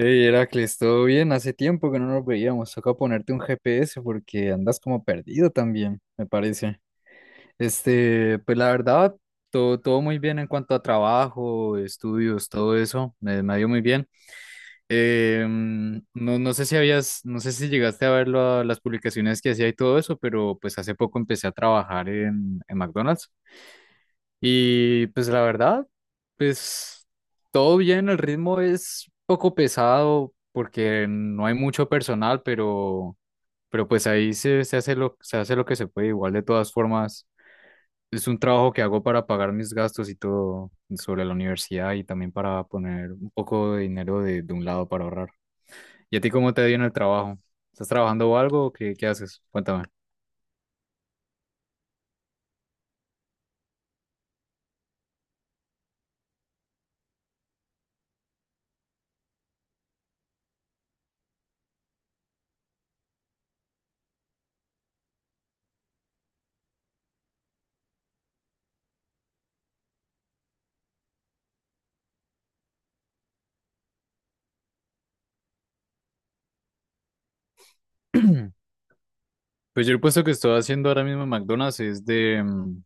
Hey Heracles, ¿todo bien? Hace tiempo que no nos veíamos. Toca ponerte un GPS porque andas como perdido también, me parece. Este, pues la verdad, todo muy bien en cuanto a trabajo, estudios, todo eso. Me ha ido muy bien. No sé si habías, no sé si llegaste a ver las publicaciones que hacía y todo eso, pero pues hace poco empecé a trabajar en McDonald's. Y pues la verdad, pues todo bien, el ritmo es poco pesado porque no hay mucho personal, pero pues ahí se hace se hace lo que se puede. Igual de todas formas, es un trabajo que hago para pagar mis gastos y todo sobre la universidad y también para poner un poco de dinero de un lado para ahorrar. ¿Y a ti cómo te ha ido en el trabajo? ¿Estás trabajando o algo? ¿O qué haces? Cuéntame. Pues yo el puesto que estoy haciendo ahora mismo en McDonald's es de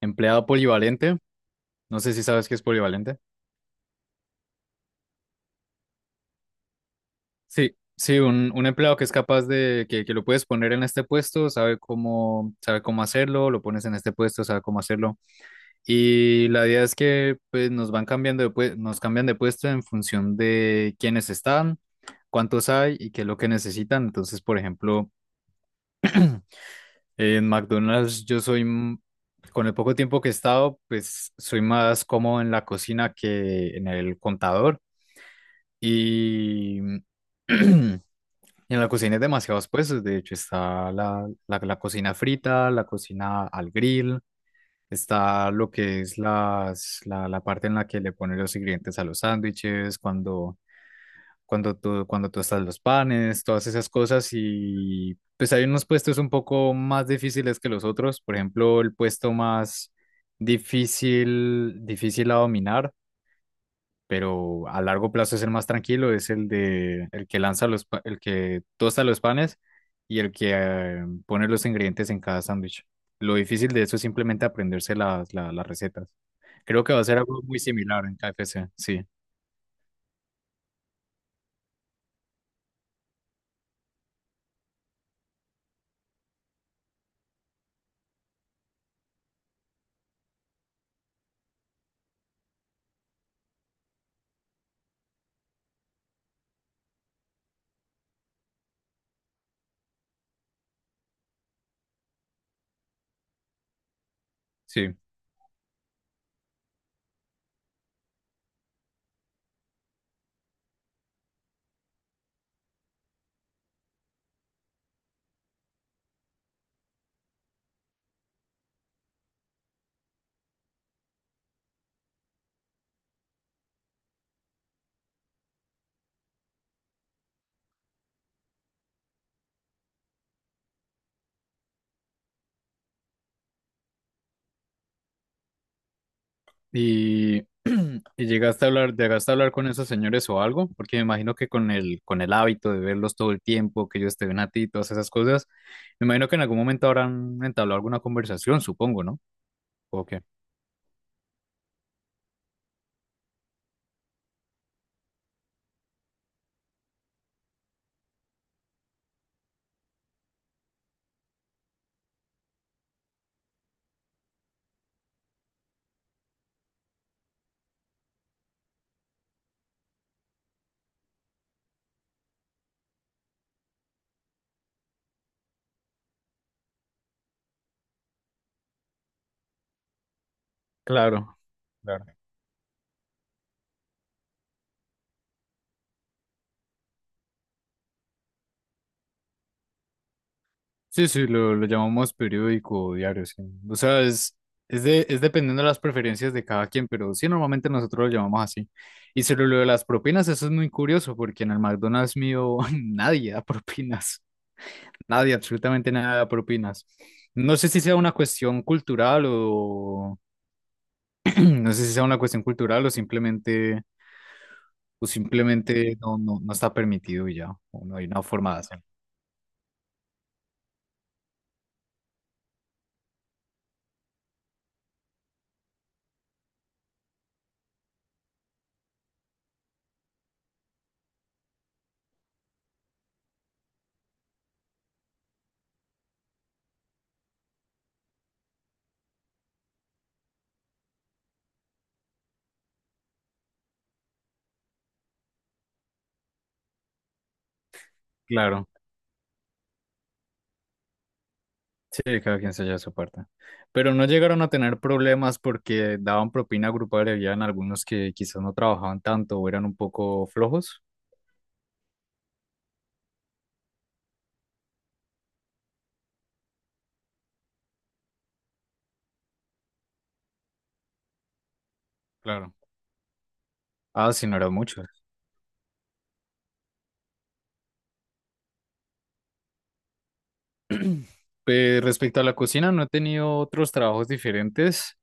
empleado polivalente. No sé si sabes qué es polivalente. Sí, sí, un empleado que es capaz de, que lo puedes poner en este puesto, sabe sabe cómo hacerlo, lo pones en este puesto, sabe cómo hacerlo. Y la idea es que pues, nos van cambiando de, nos cambian de puesto en función de quiénes están, cuántos hay y qué es lo que necesitan. Entonces, por ejemplo, en McDonald's yo soy, con el poco tiempo que he estado, pues soy más cómodo en la cocina que en el contador. Y en la cocina hay demasiados puestos, de hecho está la cocina frita, la cocina al grill, está lo que es la parte en la que le ponen los ingredientes a los sándwiches, cuando, cuando tú estás los panes, todas esas cosas y pues hay unos puestos un poco más difíciles que los otros, por ejemplo, el puesto más difícil a dominar pero a largo plazo es el más tranquilo, es el de el que lanza el que tosta los panes y el que pone los ingredientes en cada sándwich. Lo difícil de eso es simplemente aprenderse las recetas. Creo que va a ser algo muy similar en KFC, sí, sí. Y, y llegaste a hablar con esos señores o algo, porque me imagino que con el hábito de verlos todo el tiempo, que ellos te ven a ti, todas esas cosas, me imagino que en algún momento habrán entablado alguna conversación, supongo, ¿no? ¿O qué? Claro. Claro. Sí, sí, lo llamamos periódico o diario, sí. O sea, es dependiendo de las preferencias de cada quien, pero sí, normalmente nosotros lo llamamos así. Y sobre lo de las propinas, eso es muy curioso, porque en el McDonald's mío nadie da propinas, nadie, absolutamente nada da propinas. No sé si sea una cuestión cultural o no sé si sea una cuestión cultural o simplemente no está permitido y ya, o no hay una forma de hacerlo. Claro. Sí, cada quien se lleva su parte. Pero no llegaron a tener problemas porque daban propina grupal y habían algunos que quizás no trabajaban tanto o eran un poco flojos. Claro. Ah, sí, no eran muchos. Pues, respecto a la cocina, no he tenido otros trabajos diferentes.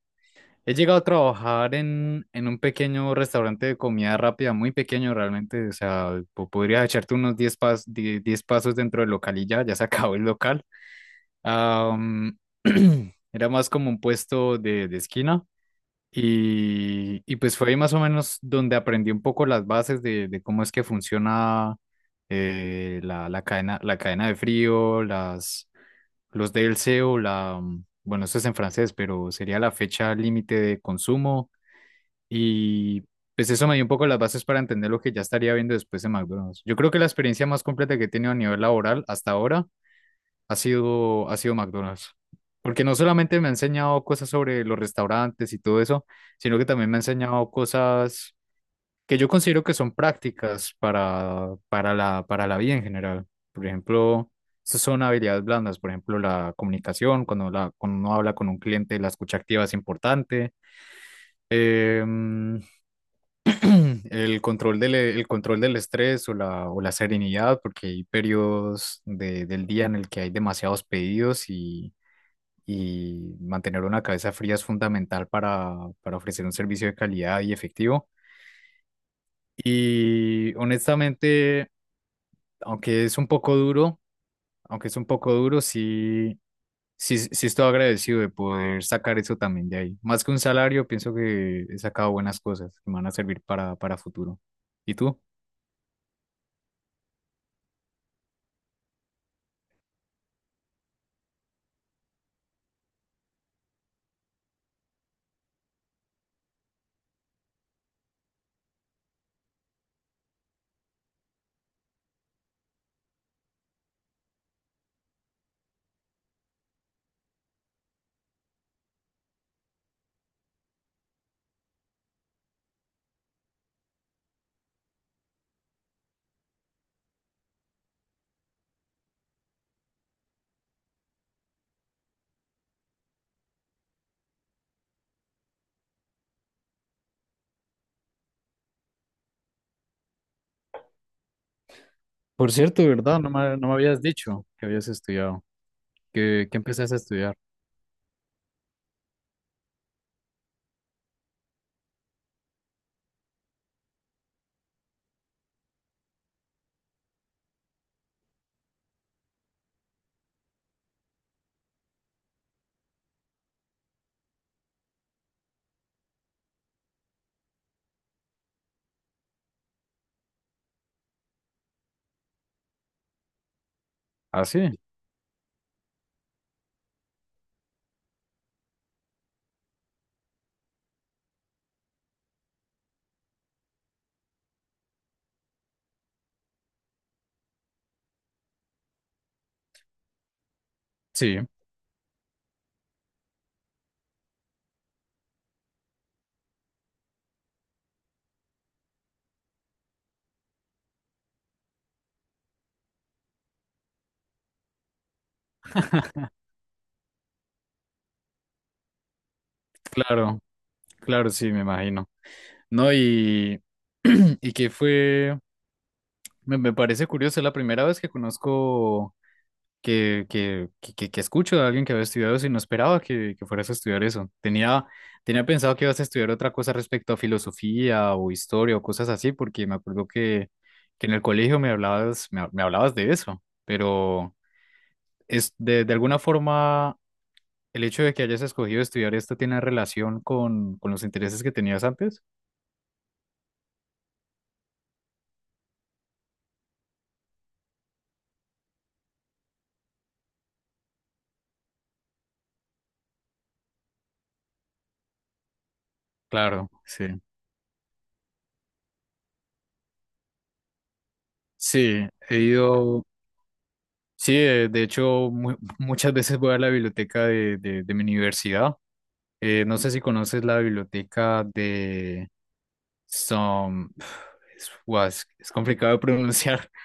He llegado a trabajar en un pequeño restaurante de comida rápida, muy pequeño realmente. O sea, podrías echarte unos 10 pasos dentro del local y ya, ya se acabó el local. Am, era más como un puesto de esquina. Y pues fue ahí más o menos donde aprendí un poco las bases de cómo es que funciona la cadena de frío, los DLC o bueno, eso es en francés, pero sería la fecha límite de consumo. Y pues eso me dio un poco las bases para entender lo que ya estaría viendo después de McDonald's. Yo creo que la experiencia más completa que he tenido a nivel laboral hasta ahora ha sido McDonald's. Porque no solamente me ha enseñado cosas sobre los restaurantes y todo eso, sino que también me ha enseñado cosas que yo considero que son prácticas para, para la vida en general. Por ejemplo, esas son habilidades blandas. Por ejemplo, la comunicación, cuando uno habla con un cliente, la escucha activa es importante. Em, el control el control del estrés o la serenidad, porque hay periodos del día en el que hay demasiados pedidos y mantener una cabeza fría es fundamental para ofrecer un servicio de calidad y efectivo. Y honestamente, aunque es un poco duro, aunque es un poco duro, sí estoy agradecido de poder sacar eso también de ahí. Más que un salario, pienso que he sacado buenas cosas que me van a servir para futuro. ¿Y tú? Por cierto, ¿verdad? No me habías dicho que habías estudiado, que empezaste a estudiar. Ah, sí, sí, claro, claro, sí, me imagino. No, y, y que fue, me parece curioso, es la primera vez que conozco, que escucho a alguien que había estudiado eso y no esperaba que fueras a estudiar eso. Tenía pensado que ibas a estudiar otra cosa respecto a filosofía o historia o cosas así, porque me acuerdo que en el colegio me hablabas, me hablabas de eso, pero es de alguna forma el hecho de que hayas escogido estudiar esto tiene relación con los intereses que tenías antes. Claro, sí. Sí, he ido, sí, de hecho muchas veces voy a la biblioteca de mi universidad. No sé si conoces la biblioteca de Saint, es, guau, es complicado de pronunciar.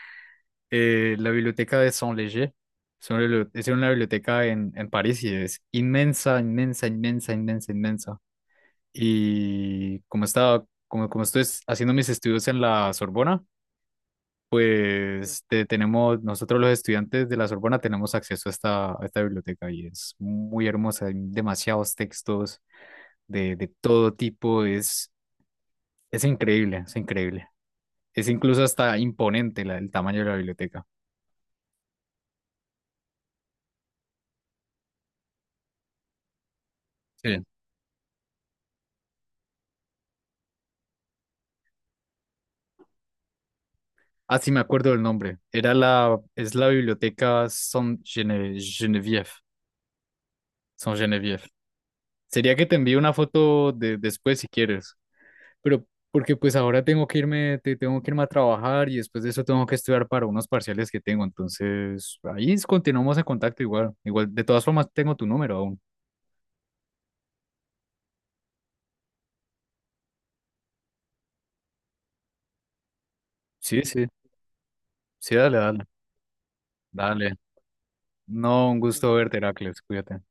La biblioteca de Saint-Léger. Es una es una biblioteca en París y es inmensa, inmensa, inmensa, inmensa, inmensa. Y como estaba, como, como estoy haciendo mis estudios en la Sorbona, pues tenemos, nosotros los estudiantes de la Sorbona tenemos acceso a a esta biblioteca y es muy hermosa, hay demasiados textos de todo tipo, es increíble, es increíble. Es incluso hasta imponente el tamaño de la biblioteca. Sí. Ah, sí, me acuerdo del nombre. Era es la biblioteca Geneviève. Saint Geneviève. Sería que te envíe una foto de, después si quieres. Pero porque pues ahora tengo que irme, tengo que irme a trabajar y después de eso tengo que estudiar para unos parciales que tengo. Entonces, ahí continuamos en contacto igual. Igual, de todas formas, tengo tu número aún. Sí, sí, sí, dale, dale, dale. No, un gusto verte, Heracles, cuídate.